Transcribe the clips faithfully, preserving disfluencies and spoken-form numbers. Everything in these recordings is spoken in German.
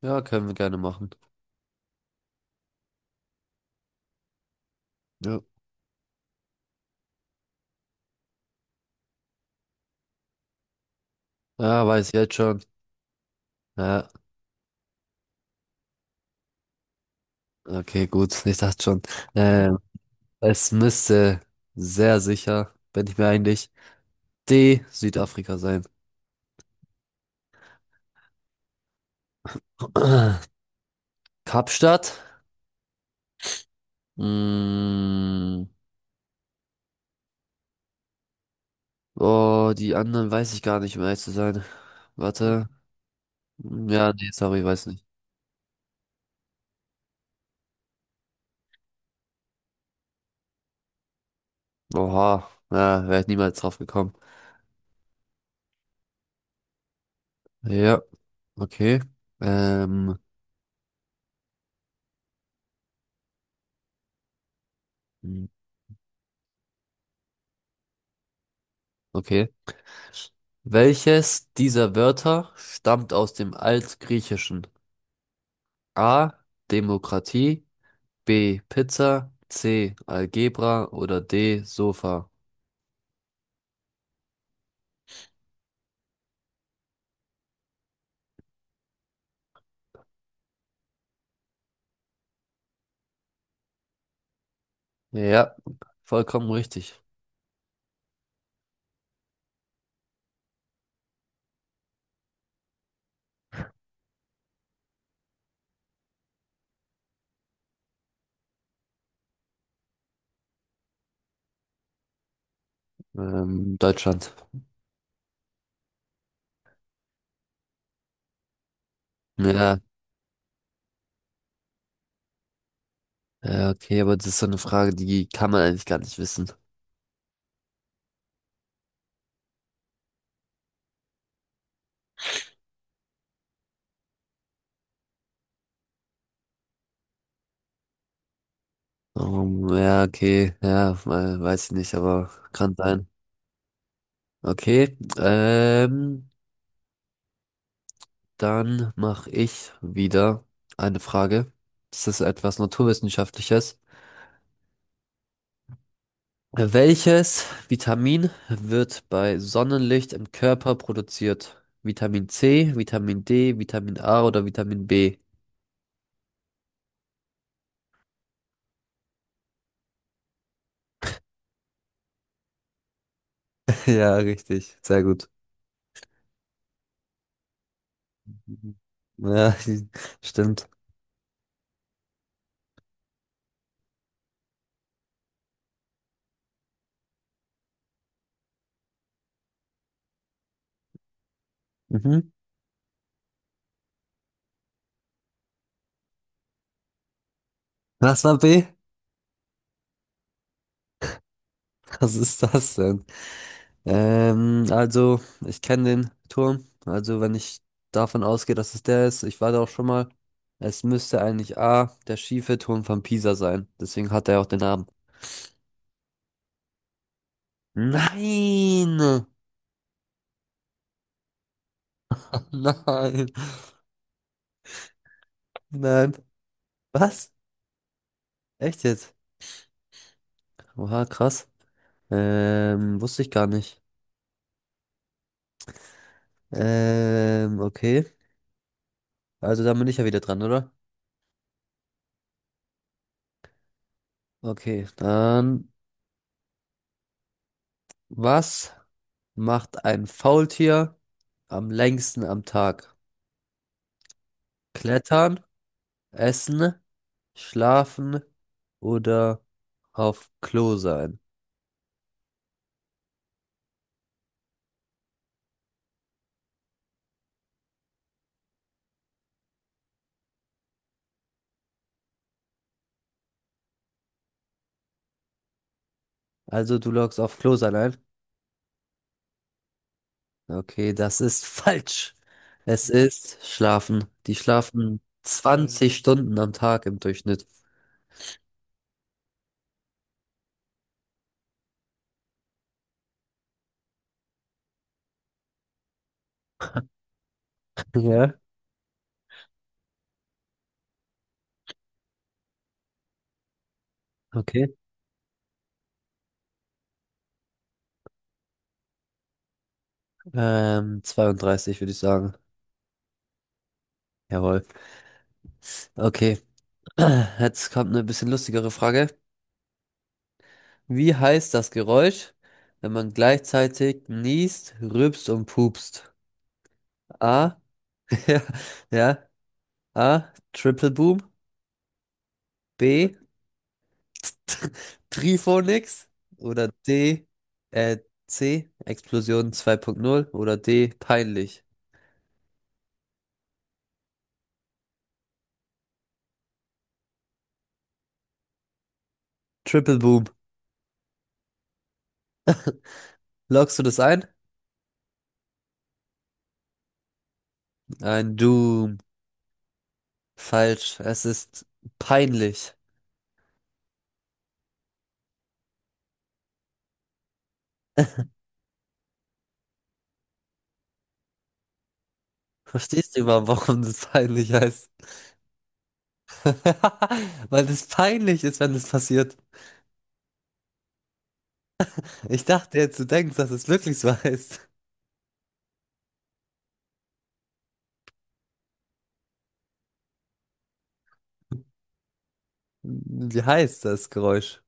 Ja, können wir gerne machen. Ja. Ja, weiß ich jetzt schon. Ja, okay, gut. Ich dachte schon. Ähm, Es müsste, sehr sicher bin ich mir eigentlich, D, Südafrika sein. Kapstadt? Mm, oh, die anderen weiß ich gar nicht, um ehrlich zu sein. Warte. Ja, nee, sorry, weiß nicht. Oha, ja, wäre ich niemals drauf gekommen. Ja, okay. Ähm, okay. Welches dieser Wörter stammt aus dem Altgriechischen? A. Demokratie, B. Pizza, C. Algebra oder D. Sofa? Ja, vollkommen richtig. Ähm, Deutschland. Ja, ja, okay, aber das ist so eine Frage, die kann man eigentlich gar nicht wissen. Ähm, ja, okay, ja, we- weiß ich nicht, aber kann sein. Okay. ähm, Dann mache ich wieder eine Frage. Das ist etwas Naturwissenschaftliches. Welches Vitamin wird bei Sonnenlicht im Körper produziert? Vitamin C, Vitamin D, Vitamin A oder Vitamin B? Ja, richtig. Sehr gut. Mhm. Ja, stimmt. Mhm. Was war B? Was ist das denn? Ähm, also, ich kenne den Turm. Also, wenn ich davon ausgehe, dass es der ist, ich war da auch schon mal. Es müsste eigentlich A, der schiefe Turm von Pisa sein. Deswegen hat er auch den Namen. Nein! Nein! Nein! Was? Echt jetzt? Oha, krass. Ähm, wusste ich gar nicht. Ähm, okay. Also, da bin ich ja wieder dran, oder? Okay, dann, was macht ein Faultier am längsten am Tag? Klettern, essen, schlafen oder auf Klo sein? Also du loggst auf Klo sein ein. Okay, das ist falsch. Es ist schlafen. Die schlafen zwanzig Stunden am Tag im Durchschnitt. Ja. Okay. Ähm, zweiunddreißig würde ich sagen. Jawohl. Okay. Jetzt kommt eine bisschen lustigere Frage. Wie heißt das Geräusch, wenn man gleichzeitig niest, rülpst und pupst? A. Ja, ja. A. Triple Boom. B. Triphonix. Oder D. Äh, C. Explosion zwei Punkt null. Oder D. Peinlich. Triple Boom. Loggst du das ein? Ein Doom. Falsch. Es ist peinlich. Verstehst du überhaupt, warum das peinlich heißt? Weil es peinlich ist, wenn es passiert. Ich dachte jetzt, du denkst, dass es wirklich so heißt. Wie heißt das Geräusch?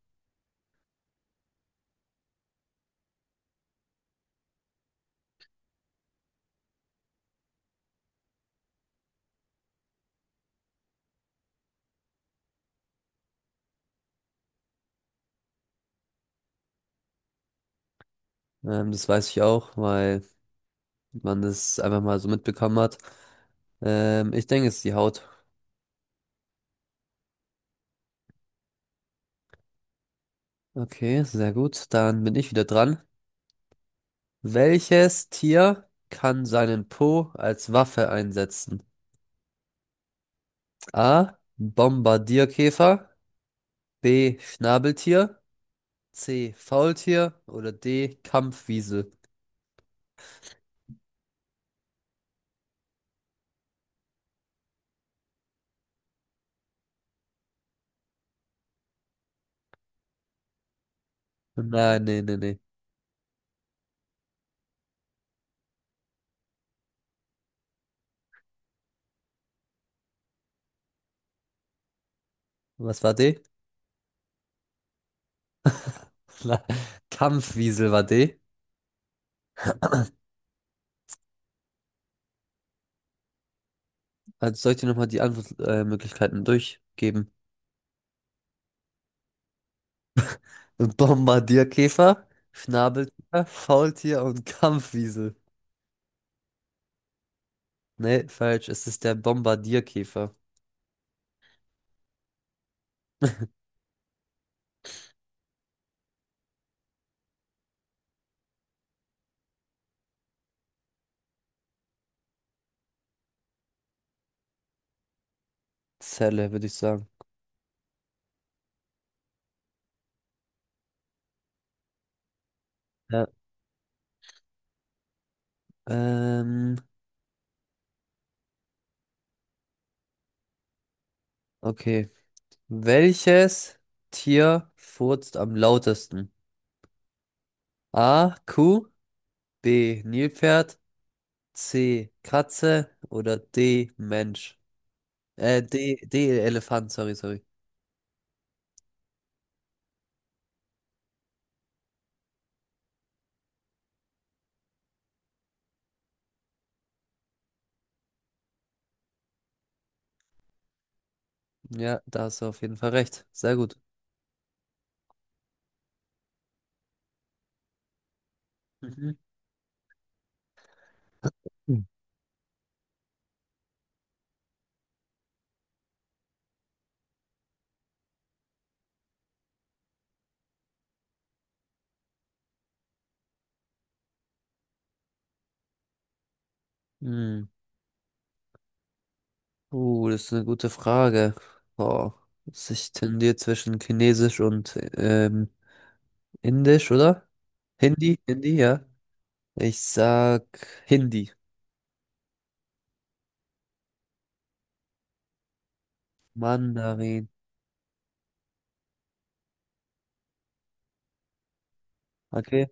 Ähm, das weiß ich auch, weil man das einfach mal so mitbekommen hat. Ähm, ich denke, es ist die Haut. Okay, sehr gut. Dann bin ich wieder dran. Welches Tier kann seinen Po als Waffe einsetzen? A. Bombardierkäfer. B. Schnabeltier. C. Faultier. Oder D. Kampfwiesel. Nein, nee, nee, nee. Was war D? Kampfwiesel war D. Also soll ich dir nochmal die Antwortmöglichkeiten durchgeben? Bombardierkäfer, Schnabeltier, Faultier und Kampfwiesel. Nee, falsch. Es ist der Bombardierkäfer. Zelle, würde ich sagen. Ja. Ähm, okay. Welches Tier furzt am lautesten? A. Kuh, B. Nilpferd, C. Katze oder D. Mensch? Äh, D. D. Elefant, sorry, sorry. Ja, da hast du auf jeden Fall recht. Sehr gut. Mhm. Hm. Hm. Uh, das ist eine gute Frage. Oh, ich tendiere zwischen Chinesisch und ähm, Indisch, oder? Hindi, Hindi, ja. Ich sag Hindi, Mandarin. Okay.